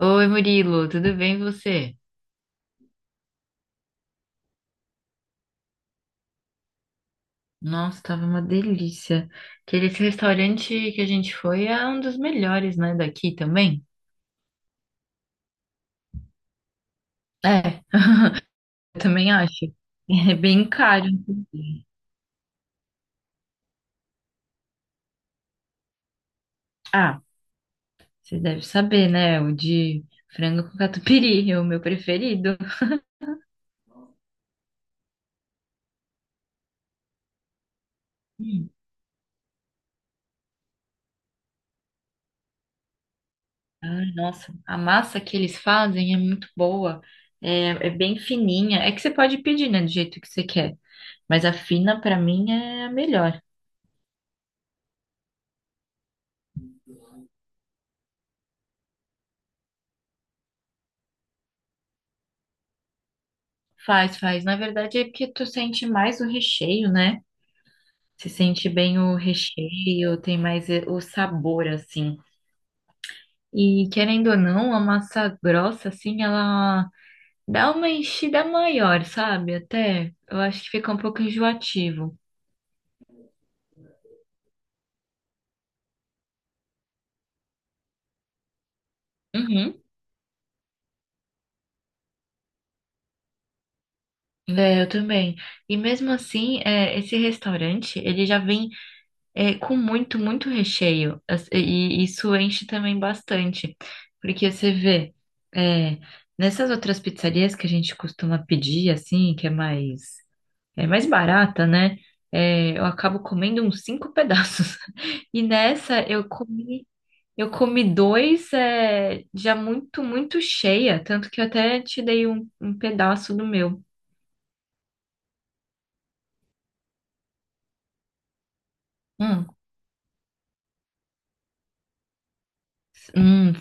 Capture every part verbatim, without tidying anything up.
Oi, Murilo, tudo bem e você? Nossa, tava uma delícia. Aquele esse restaurante que a gente foi é um dos melhores, né, daqui também? É, eu também acho. É bem caro. Ah, você deve saber, né? O de frango com catupiry, é o meu preferido. Hum, ai, nossa, a massa que eles fazem é muito boa. É, é bem fininha. É que você pode pedir, né, do jeito que você quer. Mas a fina, pra mim, é a melhor. Faz, faz. Na verdade é porque tu sente mais o recheio, né? Se sente bem o recheio, tem mais eh, o sabor, assim. E querendo ou não, a massa grossa, assim, ela dá uma enchida maior, sabe? Até eu acho que fica um pouco enjoativo. Uhum. É, eu também. E mesmo assim, é, esse restaurante, ele já vem. É, com muito, muito recheio. As- E isso enche também bastante. Porque você vê, é, nessas outras pizzarias que a gente costuma pedir, assim, que é mais, é mais barata, né? É, eu acabo comendo uns cinco pedaços. E nessa eu comi, eu comi dois, é, já muito, muito cheia. Tanto que eu até te dei um, um pedaço do meu. Hum, hum,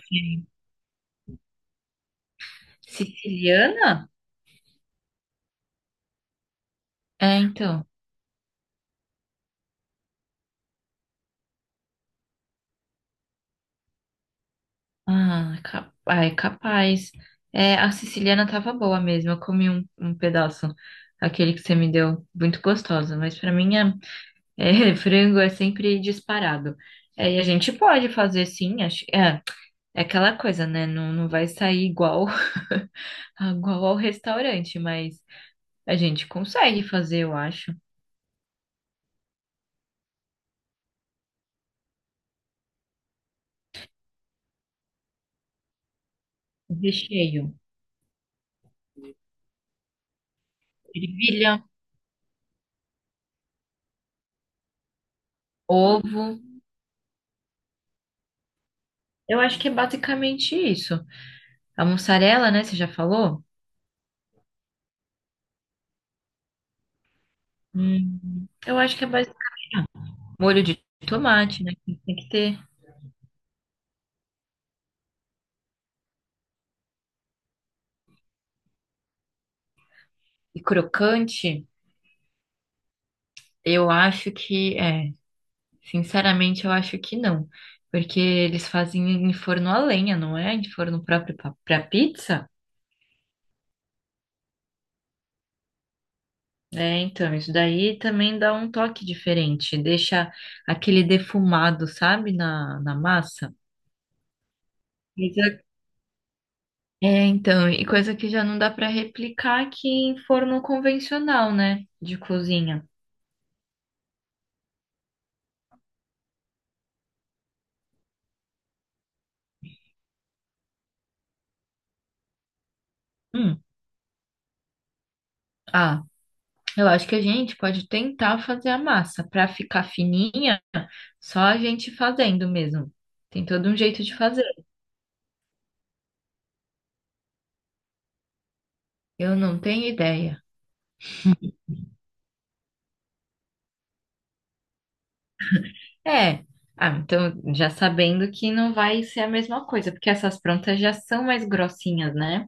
siciliana? É, então. Ah, ca- ai, capaz. É, a siciliana tava boa mesmo. Eu comi um, um pedaço, aquele que você me deu, muito gostoso. Mas pra mim, é, é, frango é sempre disparado. É, e a gente pode fazer sim. Acho, é, é aquela coisa, né? Não, não vai sair igual, igual ao restaurante, mas a gente consegue fazer, eu acho. O recheio, ervilha, ovo. Eu acho que é basicamente isso. A mussarela, né? Você já falou? Hum, eu acho que é mais molho de tomate, né? que Tem que ter. E crocante, eu acho que é. Sinceramente, eu acho que não. Porque eles fazem em forno a lenha, não é? Em forno próprio pa- pra pizza. É, então, isso daí também dá um toque diferente. Deixa aquele defumado, sabe? Na, na massa. Coisa- É, então, e coisa que já não dá pra replicar aqui em forno convencional, né? De cozinha. Hum. Ah. Eu acho que a gente pode tentar fazer a massa para ficar fininha, só a gente fazendo mesmo. Tem todo um jeito de fazer. Eu não tenho ideia. É. Ah, então já sabendo que não vai ser a mesma coisa, porque essas prontas já são mais grossinhas, né?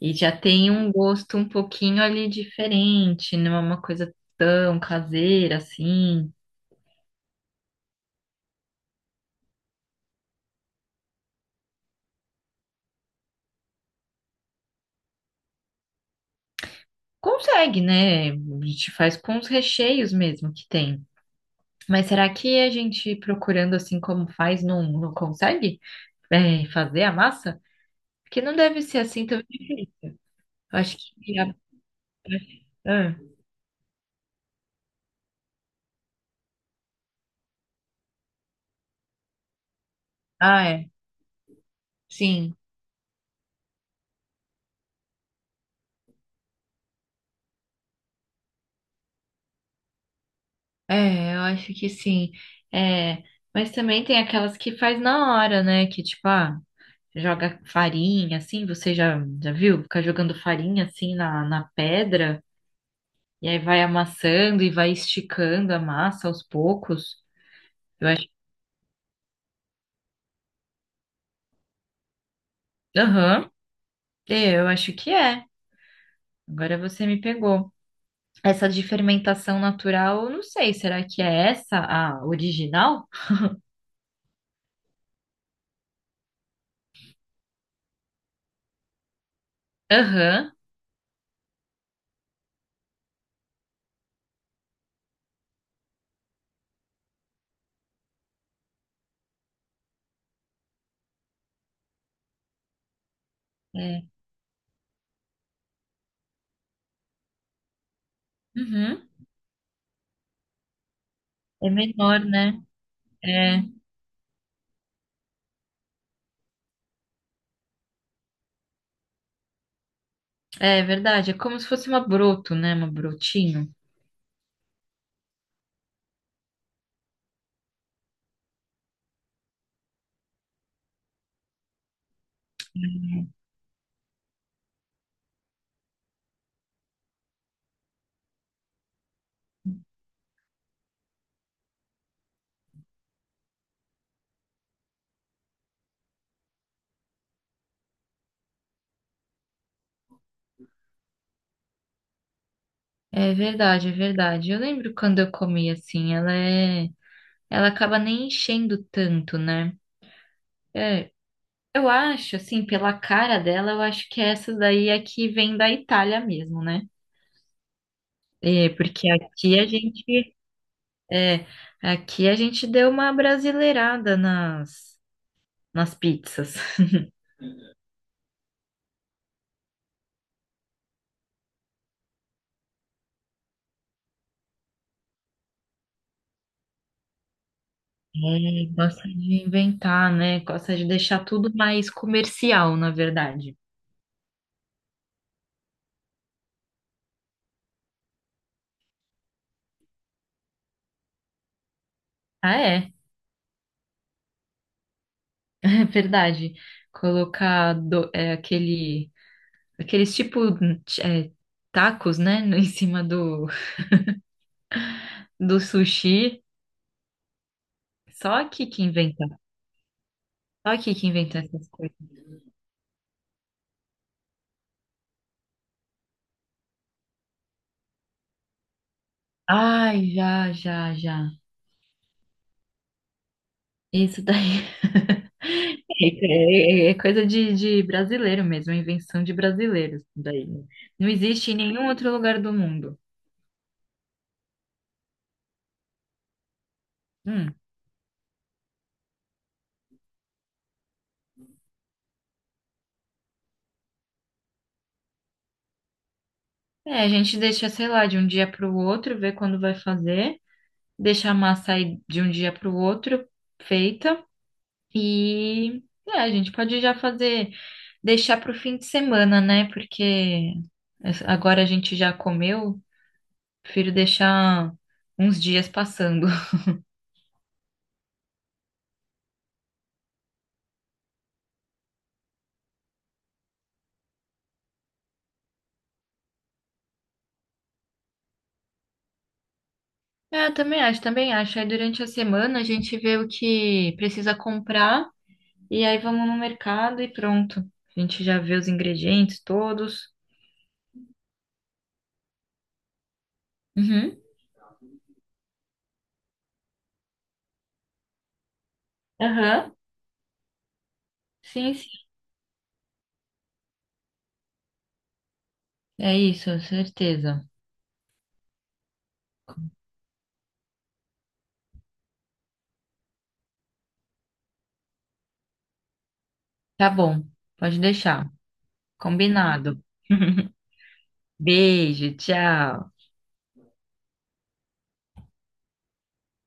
E já tem um gosto um pouquinho ali diferente, não é uma coisa tão caseira assim. Consegue, né? A gente faz com os recheios mesmo que tem. Mas será que a gente procurando assim como faz não, não consegue é, fazer a massa? Porque não deve ser assim tão. Eu acho que. A- Ah, ah, é. Sim. É, eu acho que sim. É, mas também tem aquelas que faz na hora, né? Que tipo, ah, joga farinha assim. Você já, já viu? Ficar jogando farinha assim na, na pedra. E aí vai amassando e vai esticando a massa aos poucos. Eu acho. Aham. É, eu acho que é. Agora você me pegou. Essa de fermentação natural, eu não sei, será que é essa a original? Aham, é. Uhum. É menor, né? É, é verdade, é como se fosse uma broto, né? Uma brotinho. É verdade, é verdade. Eu lembro quando eu comi assim, ela é, ela acaba nem enchendo tanto, né? É, eu acho, assim, pela cara dela, eu acho que essa daí é que vem da Itália mesmo, né? É, porque aqui a gente É, aqui a gente deu uma brasileirada nas, nas pizzas. É, gosta de inventar, né? Gosta de deixar tudo mais comercial, na verdade. Ah, é, é verdade. Colocar do- é, aquele, aqueles tipo é, tacos, né, no- em cima do, do sushi. Só aqui que inventa. Só aqui que inventa essas coisas. Ai, já, já, já. Isso daí é, é- é coisa de, de brasileiro mesmo, é invenção de brasileiros. Isso daí não existe em nenhum outro lugar do mundo. Hum. É, a gente deixa, sei lá, de um dia para o outro, ver quando vai fazer, deixa a massa aí de um dia para o outro feita e é, a gente pode já fazer, deixar para o fim de semana, né? Porque agora a gente já comeu, prefiro deixar uns dias passando. É, eu também acho, também acho. Aí durante a semana a gente vê o que precisa comprar e aí vamos no mercado e pronto. A gente já vê os ingredientes todos. Uhum. Aham. Sim, sim. É isso, certeza. Tá bom, pode deixar. Combinado. Beijo, tchau.